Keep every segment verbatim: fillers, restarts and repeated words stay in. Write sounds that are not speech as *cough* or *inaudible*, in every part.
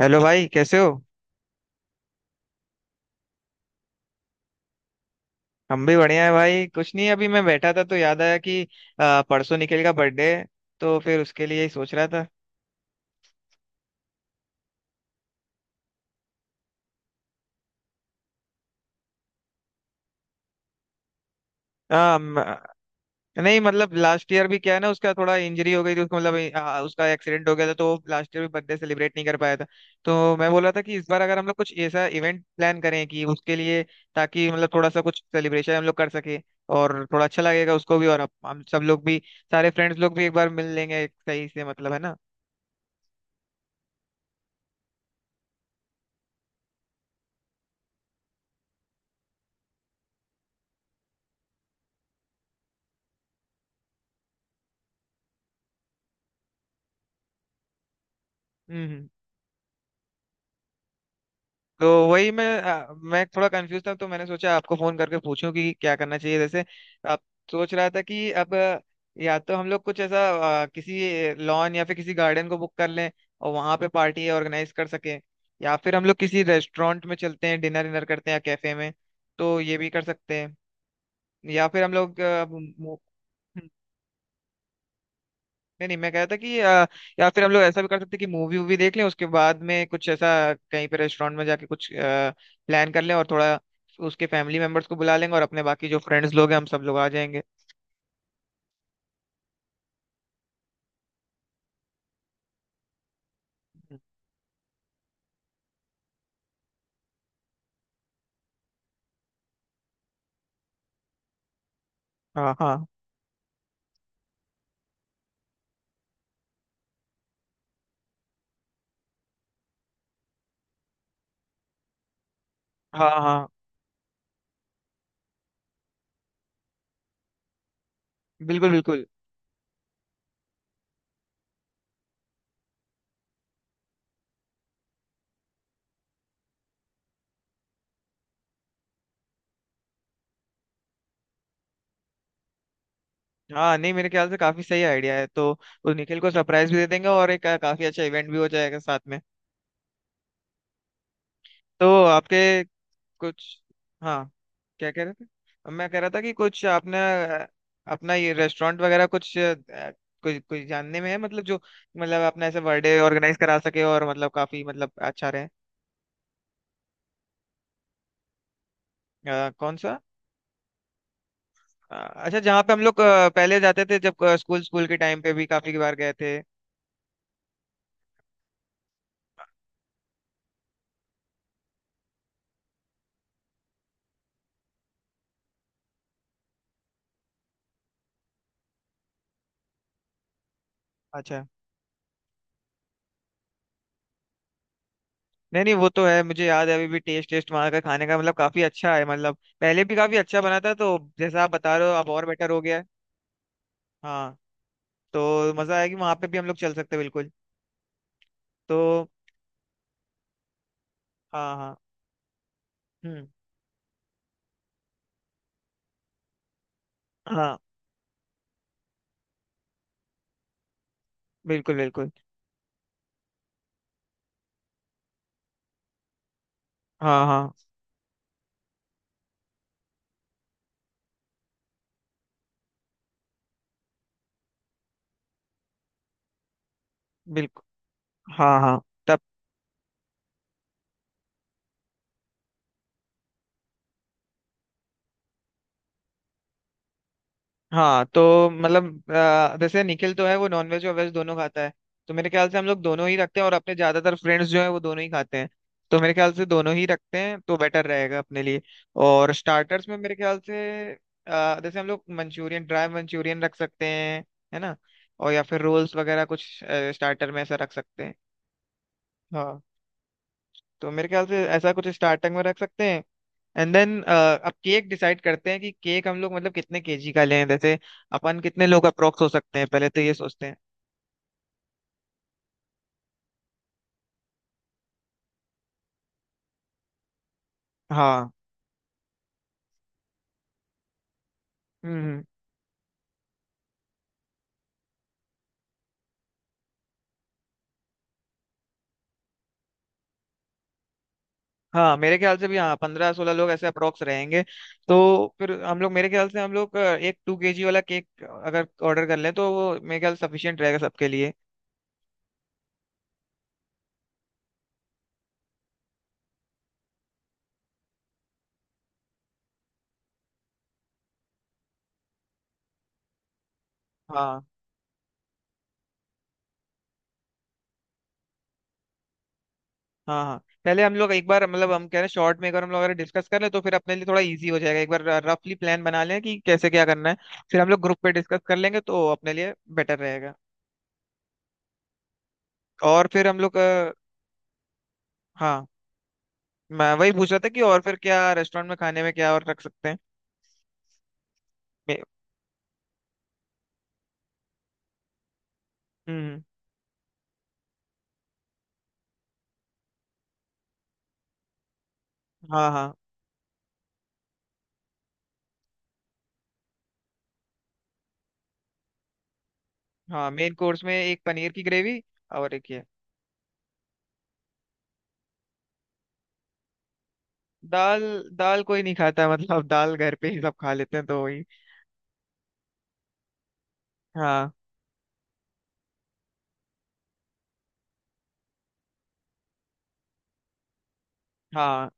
Hello भाई कैसे हो। हम भी बढ़िया है भाई, कुछ नहीं अभी मैं बैठा था तो याद आया कि आ, परसों निखिल का बर्थडे है। तो फिर उसके लिए ही सोच रहा था। आ, म- नहीं मतलब लास्ट ईयर भी क्या है ना, उसका थोड़ा इंजरी हो गई थी उसको मतलब आ, उसका एक्सीडेंट हो गया था, तो वो लास्ट ईयर भी बर्थडे सेलिब्रेट नहीं कर पाया था। तो मैं बोल रहा था कि इस बार अगर हम लोग कुछ ऐसा इवेंट प्लान करें कि उसके लिए, ताकि मतलब थोड़ा सा कुछ सेलिब्रेशन हम लोग कर सके, और थोड़ा अच्छा लगेगा उसको भी और हम हम सब लोग भी। सारे फ्रेंड्स लोग भी एक बार मिल लेंगे सही से, मतलब है ना। हम्म हम्म। तो वही मैं आ, मैं थोड़ा कंफ्यूज था तो मैंने सोचा आपको फोन करके पूछूं कि क्या करना चाहिए, जैसे आप। सोच रहा था कि अब अ, या तो हम लोग कुछ ऐसा अ, किसी लॉन या फिर किसी गार्डन को बुक कर लें और वहां पे पार्टी ऑर्गेनाइज कर सकें। या फिर हम लोग किसी रेस्टोरेंट में चलते हैं, डिनर डिनर करते हैं या कैफे में, तो ये भी कर सकते हैं। या फिर हम लोग आ, मु- नहीं नहीं, मैं कह रहा था कि अ, या फिर हम लोग ऐसा भी कर सकते हैं कि मूवी वूवी देख लें, उसके बाद में कुछ ऐसा कहीं पे रेस्टोरेंट में जाके कुछ प्लान कर लें, और थोड़ा उसके फैमिली मेंबर्स को बुला लेंगे और अपने बाकी जो फ्रेंड्स लोग हैं हम सब लोग आ जाएंगे। हाँ हाँ हाँ हाँ। बिल्कुल बिल्कुल। हाँ नहीं मेरे ख्याल से काफी सही आइडिया है, तो उस निखिल को सरप्राइज भी दे देंगे और एक अ, काफी अच्छा इवेंट भी हो जाएगा साथ में। तो आपके कुछ, हाँ, क्या कह रहे थे। अब मैं कह रहा था कि कुछ आपने अ, अपना ये रेस्टोरेंट वगैरह कुछ अ, कुछ कुछ जानने में है मतलब जो, मतलब आपने ऐसे बर्थडे ऑर्गेनाइज करा सके और मतलब काफी मतलब अच्छा रहे। अ, कौन सा। अ, अच्छा, जहाँ पे हम लोग अ, पहले जाते थे, जब स्कूल स्कूल के टाइम पे भी काफी बार गए थे। अच्छा। नहीं नहीं, वो तो है, मुझे याद है अभी भी, टेस्ट टेस्ट वहाँ का खाने का मतलब काफी अच्छा है, मतलब पहले भी काफी अच्छा बना था, तो जैसा आप बता रहे हो अब और बेटर हो गया है। हाँ। तो मजा आएगी, वहां पे भी हम लोग चल सकते हैं बिल्कुल। तो हाँ हाँ। हम्म। हाँ बिल्कुल बिल्कुल। हाँ हाँ बिल्कुल। हाँ हाँ। तब। हाँ तो मतलब अ, जैसे निखिल तो है वो नॉनवेज और वेज दोनों खाता है, तो मेरे ख्याल से हम लोग दोनों ही रखते हैं, और अपने ज्यादातर फ्रेंड्स जो है वो दोनों ही खाते हैं, तो मेरे ख्याल से दोनों ही रखते हैं तो बेटर रहेगा अपने लिए। और स्टार्टर्स में मेरे ख्याल से अ, जैसे हम लोग मंचूरियन, ड्राई मंचूरियन रख सकते हैं, है ना, और या फिर रोल्स वगैरह कुछ स्टार्टर में ऐसा रख सकते हैं। हाँ, तो मेरे ख्याल से ऐसा कुछ स्टार्टिंग में रख सकते हैं। एंड देन, अब केक डिसाइड करते हैं कि केक हम लोग मतलब कितने केजी का लें, जैसे अपन कितने लोग अप्रोक्स हो सकते हैं पहले तो ये सोचते हैं। हाँ। हम्म हम्म, हाँ मेरे ख्याल से भी, हाँ पंद्रह सोलह लोग ऐसे अप्रोक्स रहेंगे। तो फिर हम लोग, मेरे ख्याल से हम लोग अ, एक टू केजी वाला केक अगर ऑर्डर कर लें तो वो मेरे ख्याल सफिशियंट रहेगा सबके लिए। हाँ हाँ हाँ। पहले हम लोग एक बार मतलब, हम कह रहे हैं शॉर्ट में एक बार हम लोग अगर डिस्कस कर ले तो फिर अपने लिए थोड़ा इजी हो जाएगा। एक बार रफली प्लान बना लें कि कैसे क्या करना है, फिर हम लोग ग्रुप पे डिस्कस कर लेंगे तो अपने लिए बेटर रहेगा। और फिर हम लोग अ, हाँ मैं वही पूछ रहा था कि और फिर क्या रेस्टोरेंट में खाने में क्या और रख सकते हैं। मे- हम्म। हाँ हाँ। हाँ मेन कोर्स में एक पनीर की ग्रेवी और एक ये दाल। दाल कोई नहीं खाता *laughs* मतलब दाल घर पे ही सब खा लेते हैं तो वही। हाँ। हाँ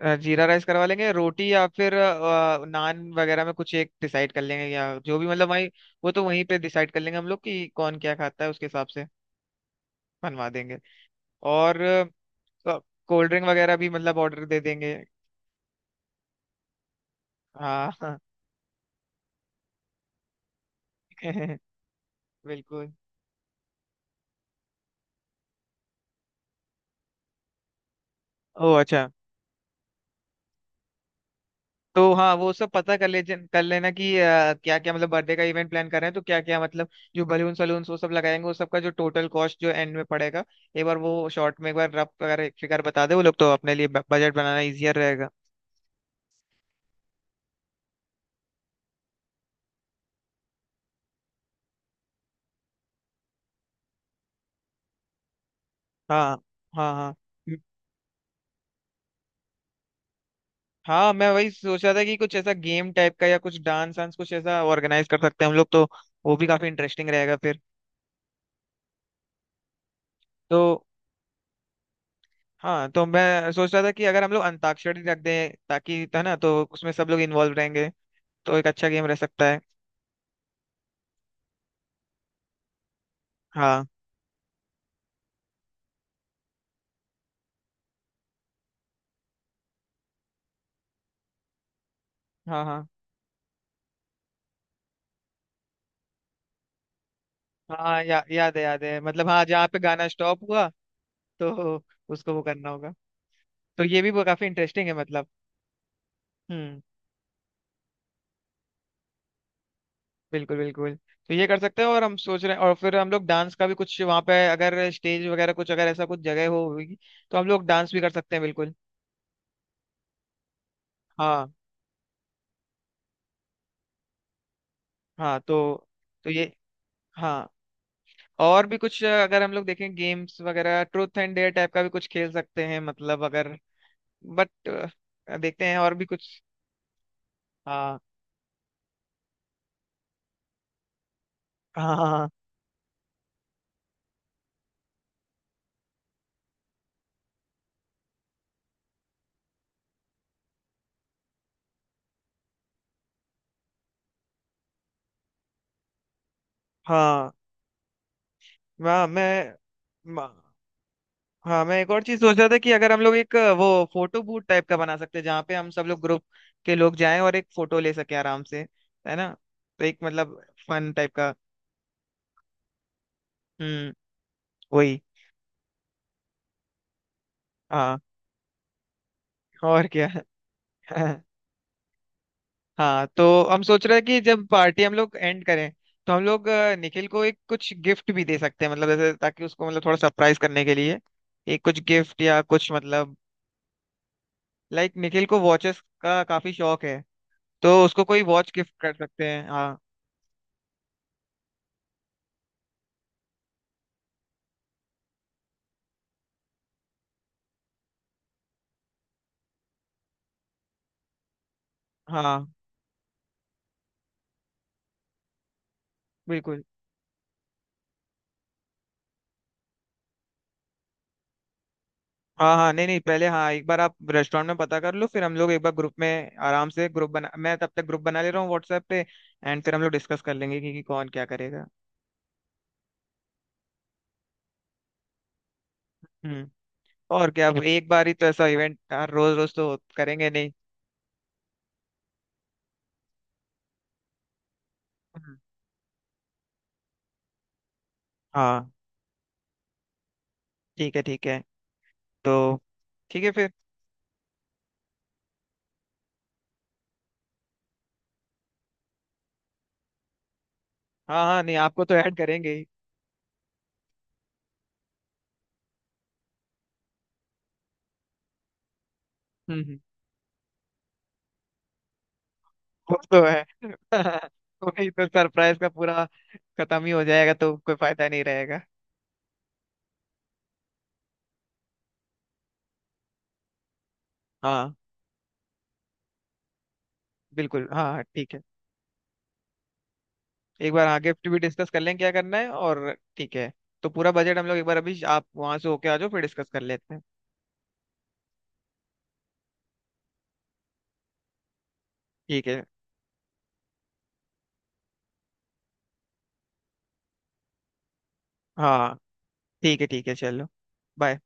अ, जीरा राइस करवा लेंगे, रोटी या फिर अ, नान वगैरह में कुछ एक डिसाइड कर लेंगे या जो भी मतलब वही। वो तो वहीं पे डिसाइड कर लेंगे हम लोग कि कौन क्या खाता है उसके हिसाब से बनवा देंगे। और कोल्ड ड्रिंक वगैरह भी मतलब ऑर्डर दे देंगे। हाँ *laughs* बिल्कुल। ओ अच्छा। तो हाँ वो सब पता कर ले, कर लेना कि क्या क्या मतलब बर्थडे का इवेंट प्लान कर रहे हैं तो क्या क्या मतलब जो बलून सलून वो सब लगाएंगे, वो सबका जो टोटल कॉस्ट जो एंड में पड़ेगा, एक बार वो शॉर्ट में एक बार रफ अगर फिगर बता दे वो लोग तो अपने लिए बजट बनाना इजियर रहेगा। हाँ हाँ हाँ। हम्म, हाँ मैं वही सोच रहा था कि कुछ ऐसा गेम टाइप का या कुछ डांस वांस कुछ ऐसा ऑर्गेनाइज कर सकते हैं हम लोग तो वो भी काफी इंटरेस्टिंग रहेगा फिर। तो हाँ, तो मैं सोच रहा था कि अगर हम लोग अंताक्षरी रख दें, ताकि, है ना, तो उसमें सब लोग इन्वॉल्व रहेंगे तो एक अच्छा गेम रह सकता है। हाँ हाँ हाँ हाँ। या, याद है, याद है मतलब, हाँ जहाँ पे गाना स्टॉप हुआ तो उसको वो करना होगा, तो ये भी वो काफी इंटरेस्टिंग है मतलब। हम्म। बिल्कुल बिल्कुल। तो ये कर सकते हैं, और हम सोच रहे हैं, और फिर हम लोग डांस का भी कुछ वहाँ पे अगर स्टेज वगैरह कुछ, अगर ऐसा कुछ जगह हो होगी तो हम लोग डांस भी कर सकते हैं बिल्कुल। हाँ हाँ। तो तो ये, हाँ और भी कुछ अ, अगर हम लोग देखें गेम्स वगैरह, ट्रूथ एंड डेयर टाइप का भी कुछ खेल सकते हैं मतलब अगर, बट, देखते हैं और भी कुछ। हाँ हाँ हाँ। मैं मैं म- हाँ मैं एक और चीज सोच रहा था कि अगर हम लोग एक अ, वो फोटो बूथ टाइप का बना सकते हैं जहाँ पे हम सब लोग ग्रुप के लोग जाएं और एक फोटो ले सके आराम से, है ना, तो एक मतलब फन टाइप का। हम्म। वही। हाँ और क्या। *laughs* हाँ तो हम सोच रहे हैं कि जब पार्टी हम लोग एंड करें तो हम लोग अ, निखिल को एक कुछ गिफ्ट भी दे सकते हैं मतलब, जैसे ताकि उसको मतलब थोड़ा सरप्राइज करने के लिए एक कुछ गिफ्ट या कुछ मतलब, लाइक निखिल को वॉचेस का काफी शौक है तो उसको कोई वॉच गिफ्ट कर सकते हैं हाँ। हाँ बिल्कुल। हाँ हाँ नहीं नहीं, पहले हाँ एक बार आप रेस्टोरेंट में पता कर लो, फिर हम लोग एक बार ग्रुप में आराम से ग्रुप बना, मैं तब तक ग्रुप बना ले रहा हूँ व्हाट्सएप पे, एंड फिर हम लोग डिस्कस कर लेंगे कि, कि कौन क्या करेगा। हम्म। और क्या, अब एक बार ही तो ऐसा इवेंट यार, रोज रोज तो करेंगे नहीं। हम्म। हाँ ठीक है ठीक है। तो ठीक है फिर। हाँ हाँ नहीं आपको तो ऐड करेंगे ही। हम्म हम्म। वो तो है। *laughs* वही तो सरप्राइज का पूरा खत्म ही हो जाएगा तो कोई फायदा नहीं रहेगा। हाँ बिल्कुल, हाँ हाँ, ठीक है। एक बार हाँ गिफ्ट भी डिस्कस कर लें क्या करना है, और ठीक है, तो पूरा बजट हम लोग एक बार अभी आप वहां से होके आ जाओ फिर डिस्कस कर लेते हैं। ठीक है। हाँ ठीक है ठीक है चलो। बाय।